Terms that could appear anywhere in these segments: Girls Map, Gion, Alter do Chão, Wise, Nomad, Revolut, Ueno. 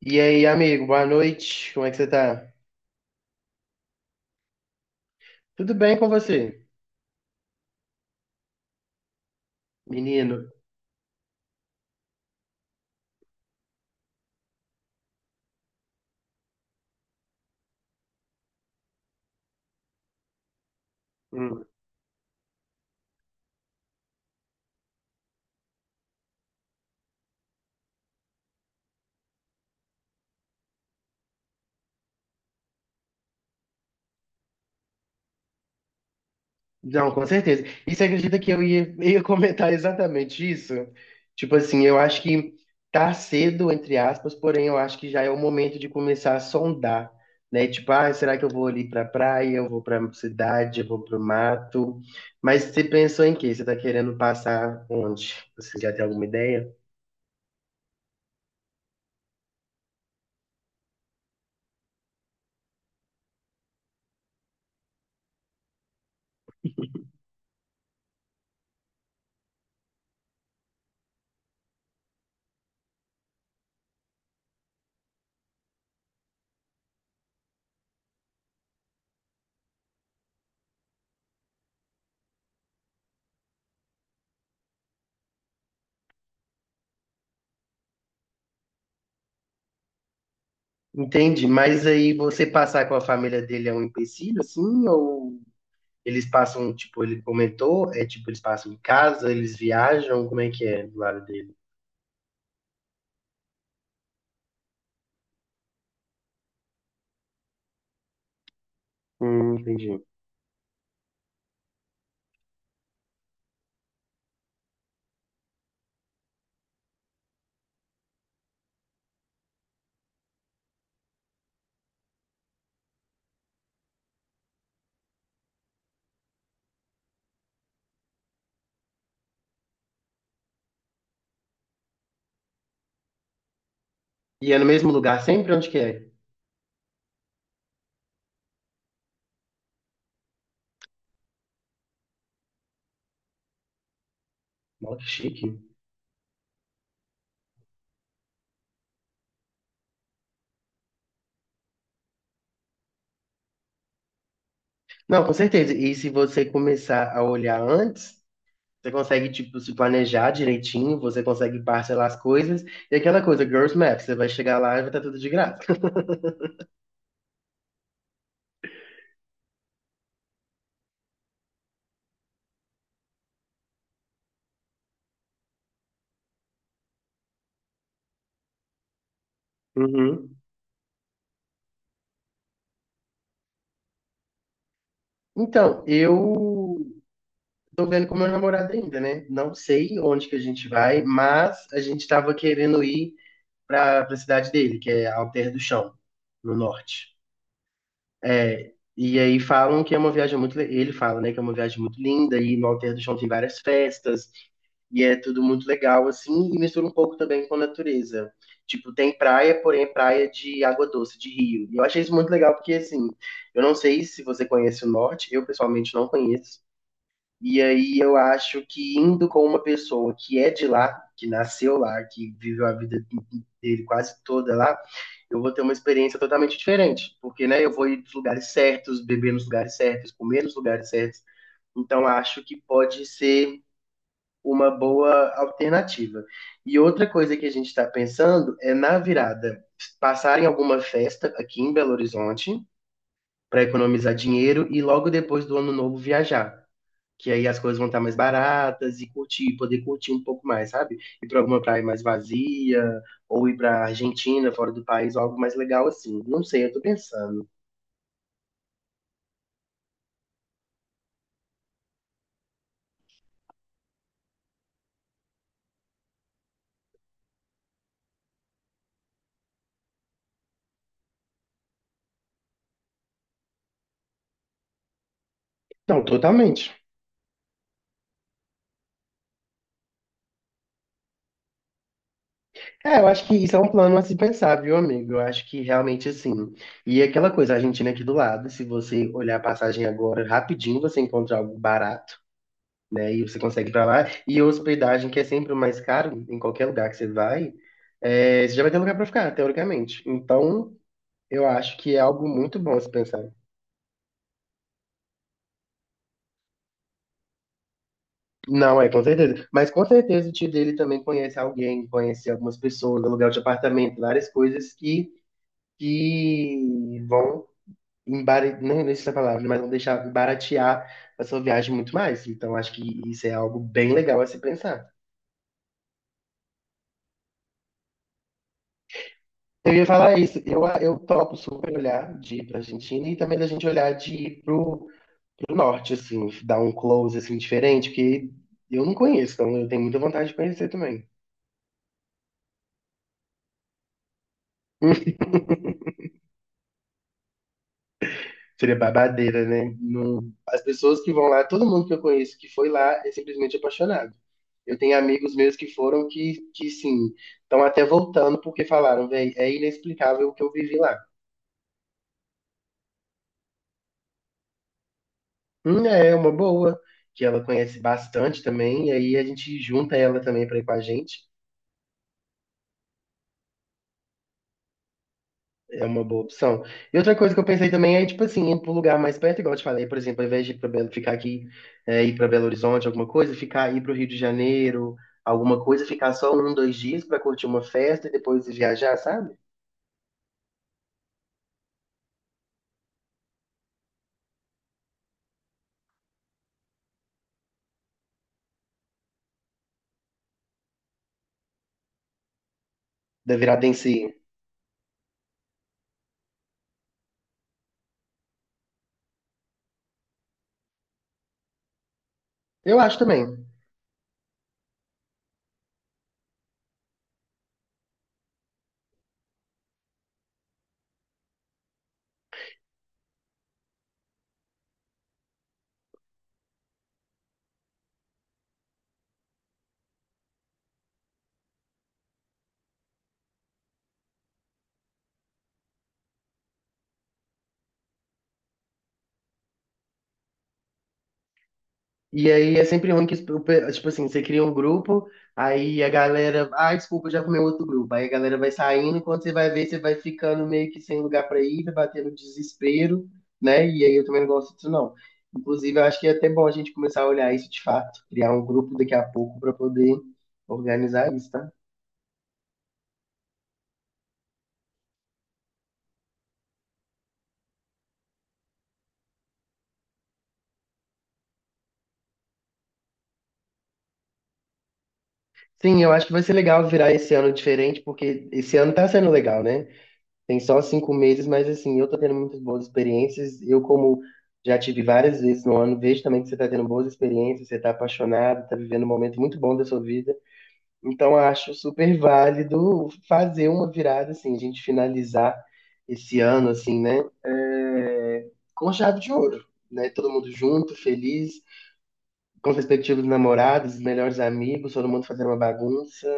E aí, amigo, boa noite. Como é que você tá? Tudo bem com você, menino? Hum. Não, com certeza. E você acredita que eu ia, ia comentar exatamente isso? Tipo assim, eu acho que tá cedo, entre aspas, porém eu acho que já é o momento de começar a sondar, né? Tipo, ah, será que eu vou ali pra praia, eu vou pra cidade, eu vou pro mato? Mas você pensou em quê? Você tá querendo passar onde? Você já tem alguma ideia? Entendi. Mas aí você passar com a família dele é um empecilho, assim, ou eles passam, tipo, ele comentou, é tipo, eles passam em casa, eles viajam, como é que é do lado dele? Entendi. E é no mesmo lugar sempre? Onde que é? Nossa, que chique. Não, com certeza. E se você começar a olhar antes, você consegue, tipo, se planejar direitinho, você consegue parcelar as coisas. E aquela coisa, Girls Map, você vai chegar lá e vai estar tudo de graça. Uhum. Então, eu tô vendo com meu namorado ainda, né? Não sei onde que a gente vai, mas a gente tava querendo ir para a cidade dele, que é Alter do Chão, no norte. É, e aí falam que é uma viagem muito. Ele fala, né, que é uma viagem muito linda, e no Alter do Chão tem várias festas, e é tudo muito legal, assim, e mistura um pouco também com a natureza. Tipo, tem praia, porém é praia de água doce, de rio. E eu achei isso muito legal, porque, assim, eu não sei se você conhece o norte, eu pessoalmente não conheço. E aí eu acho que indo com uma pessoa que é de lá, que nasceu lá, que viveu a vida dele quase toda lá, eu vou ter uma experiência totalmente diferente, porque, né, eu vou ir nos lugares certos, beber nos lugares certos, comer nos lugares certos. Então, acho que pode ser uma boa alternativa. E outra coisa que a gente está pensando é na virada, passar em alguma festa aqui em Belo Horizonte para economizar dinheiro e logo depois do ano novo viajar, que aí as coisas vão estar mais baratas e curtir, poder curtir um pouco mais, sabe? Ir para alguma praia mais vazia, ou ir para Argentina, fora do país, ou algo mais legal assim. Não sei, eu tô pensando. Não, totalmente. É, eu acho que isso é um plano a se pensar, viu, amigo? Eu acho que realmente assim. E é aquela coisa, a Argentina é aqui do lado, se você olhar a passagem agora, rapidinho você encontra algo barato, né? E você consegue ir pra lá. E hospedagem, que é sempre o mais caro, em qualquer lugar que você vai, é, você já vai ter lugar pra ficar, teoricamente. Então, eu acho que é algo muito bom a se pensar. Não, é, com certeza. Mas com certeza o tio dele também conhece alguém, conhece algumas pessoas, aluguel de apartamento, várias coisas que vão embaratear, não sei essa palavra, mas vão deixar baratear a sua viagem muito mais. Então acho que isso é algo bem legal a se pensar. Eu ia falar isso, eu topo super olhar de ir pra Argentina e também da gente olhar de ir pro norte, assim, dar um close assim, diferente, porque eu não conheço, então eu tenho muita vontade de conhecer também. Seria babadeira, né? As pessoas que vão lá, todo mundo que eu conheço que foi lá é simplesmente apaixonado. Eu tenho amigos meus que foram que sim, estão até voltando porque falaram, velho, é inexplicável o que eu vivi lá. É uma boa, que ela conhece bastante também, e aí a gente junta ela também para ir com a gente. É uma boa opção. E outra coisa que eu pensei também é, tipo assim, ir para um lugar mais perto, igual eu te falei, por exemplo, ao invés de ir pra Belo, ficar aqui, é, ir para Belo Horizonte, alguma coisa, ficar ir para o Rio de Janeiro, alguma coisa, ficar só um, dois dias para curtir uma festa e depois viajar, sabe? Da virada em si. Eu acho também. E aí é sempre ruim que, tipo assim, você cria um grupo, aí a galera, ah, desculpa, eu já comeu outro grupo. Aí a galera vai saindo, e quando você vai ver, você vai ficando meio que sem lugar pra ir, vai batendo desespero, né? E aí eu também não gosto disso, não. Inclusive, eu acho que é até bom a gente começar a olhar isso de fato, criar um grupo daqui a pouco pra poder organizar isso, tá? Sim, eu acho que vai ser legal virar esse ano diferente, porque esse ano tá sendo legal, né? Tem só 5 meses, mas assim, eu tô tendo muitas boas experiências. Eu, como já tive várias vezes no ano, vejo também que você tá tendo boas experiências, você tá apaixonado, tá vivendo um momento muito bom da sua vida. Então, acho super válido fazer uma virada, assim, a gente finalizar esse ano, assim, né? É, com chave de ouro, né? Todo mundo junto, feliz, com perspectiva dos namorados, melhores amigos, todo mundo fazendo uma bagunça.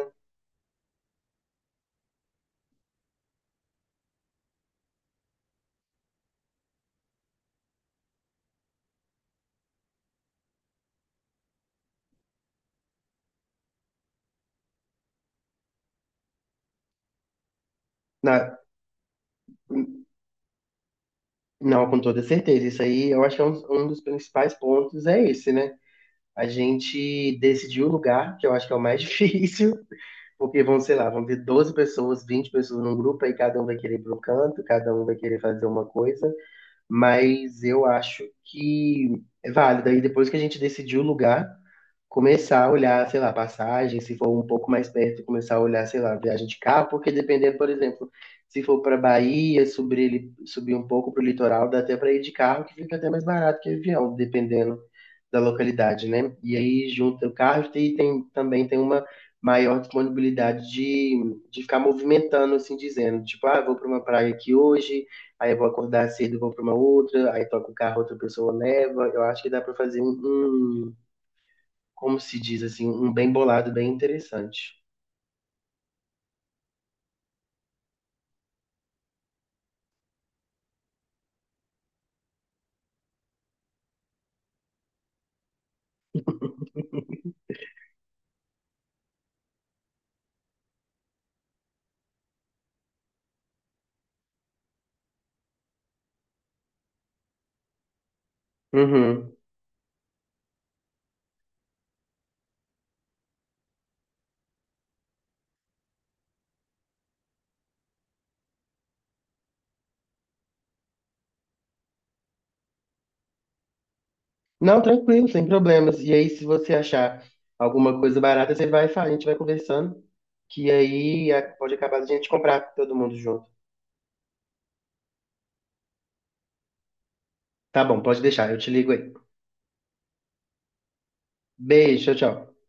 Na, Não, com toda certeza. Isso aí, eu acho que é um dos principais pontos é esse, né? A gente decidir o lugar, que eu acho que é o mais difícil, porque vão, sei lá, vão ter 12 pessoas, 20 pessoas num grupo, aí cada um vai querer ir para um canto, cada um vai querer fazer uma coisa, mas eu acho que é válido. Aí depois que a gente decidir o lugar, começar a olhar, sei lá, passagem, se for um pouco mais perto, começar a olhar, sei lá, viagem de carro, porque dependendo, por exemplo, se for para Bahia, subir, subir um pouco para o litoral, dá até para ir de carro, que fica até mais barato que avião, dependendo da localidade, né? E aí junta o carro e tem, também tem uma maior disponibilidade de ficar movimentando, assim dizendo, tipo, ah, vou para uma praia aqui hoje, aí eu vou acordar cedo, vou para uma outra, aí toca o carro, outra pessoa leva. Eu acho que dá para fazer um como se diz assim, um bem bolado, bem interessante. Uhum. Não, tranquilo, sem problemas. E aí, se você achar alguma coisa barata, você vai falar, a gente vai conversando, que pode acabar a gente comprar todo mundo junto. Tá bom, pode deixar, eu te ligo aí. Beijo, tchau, tchau.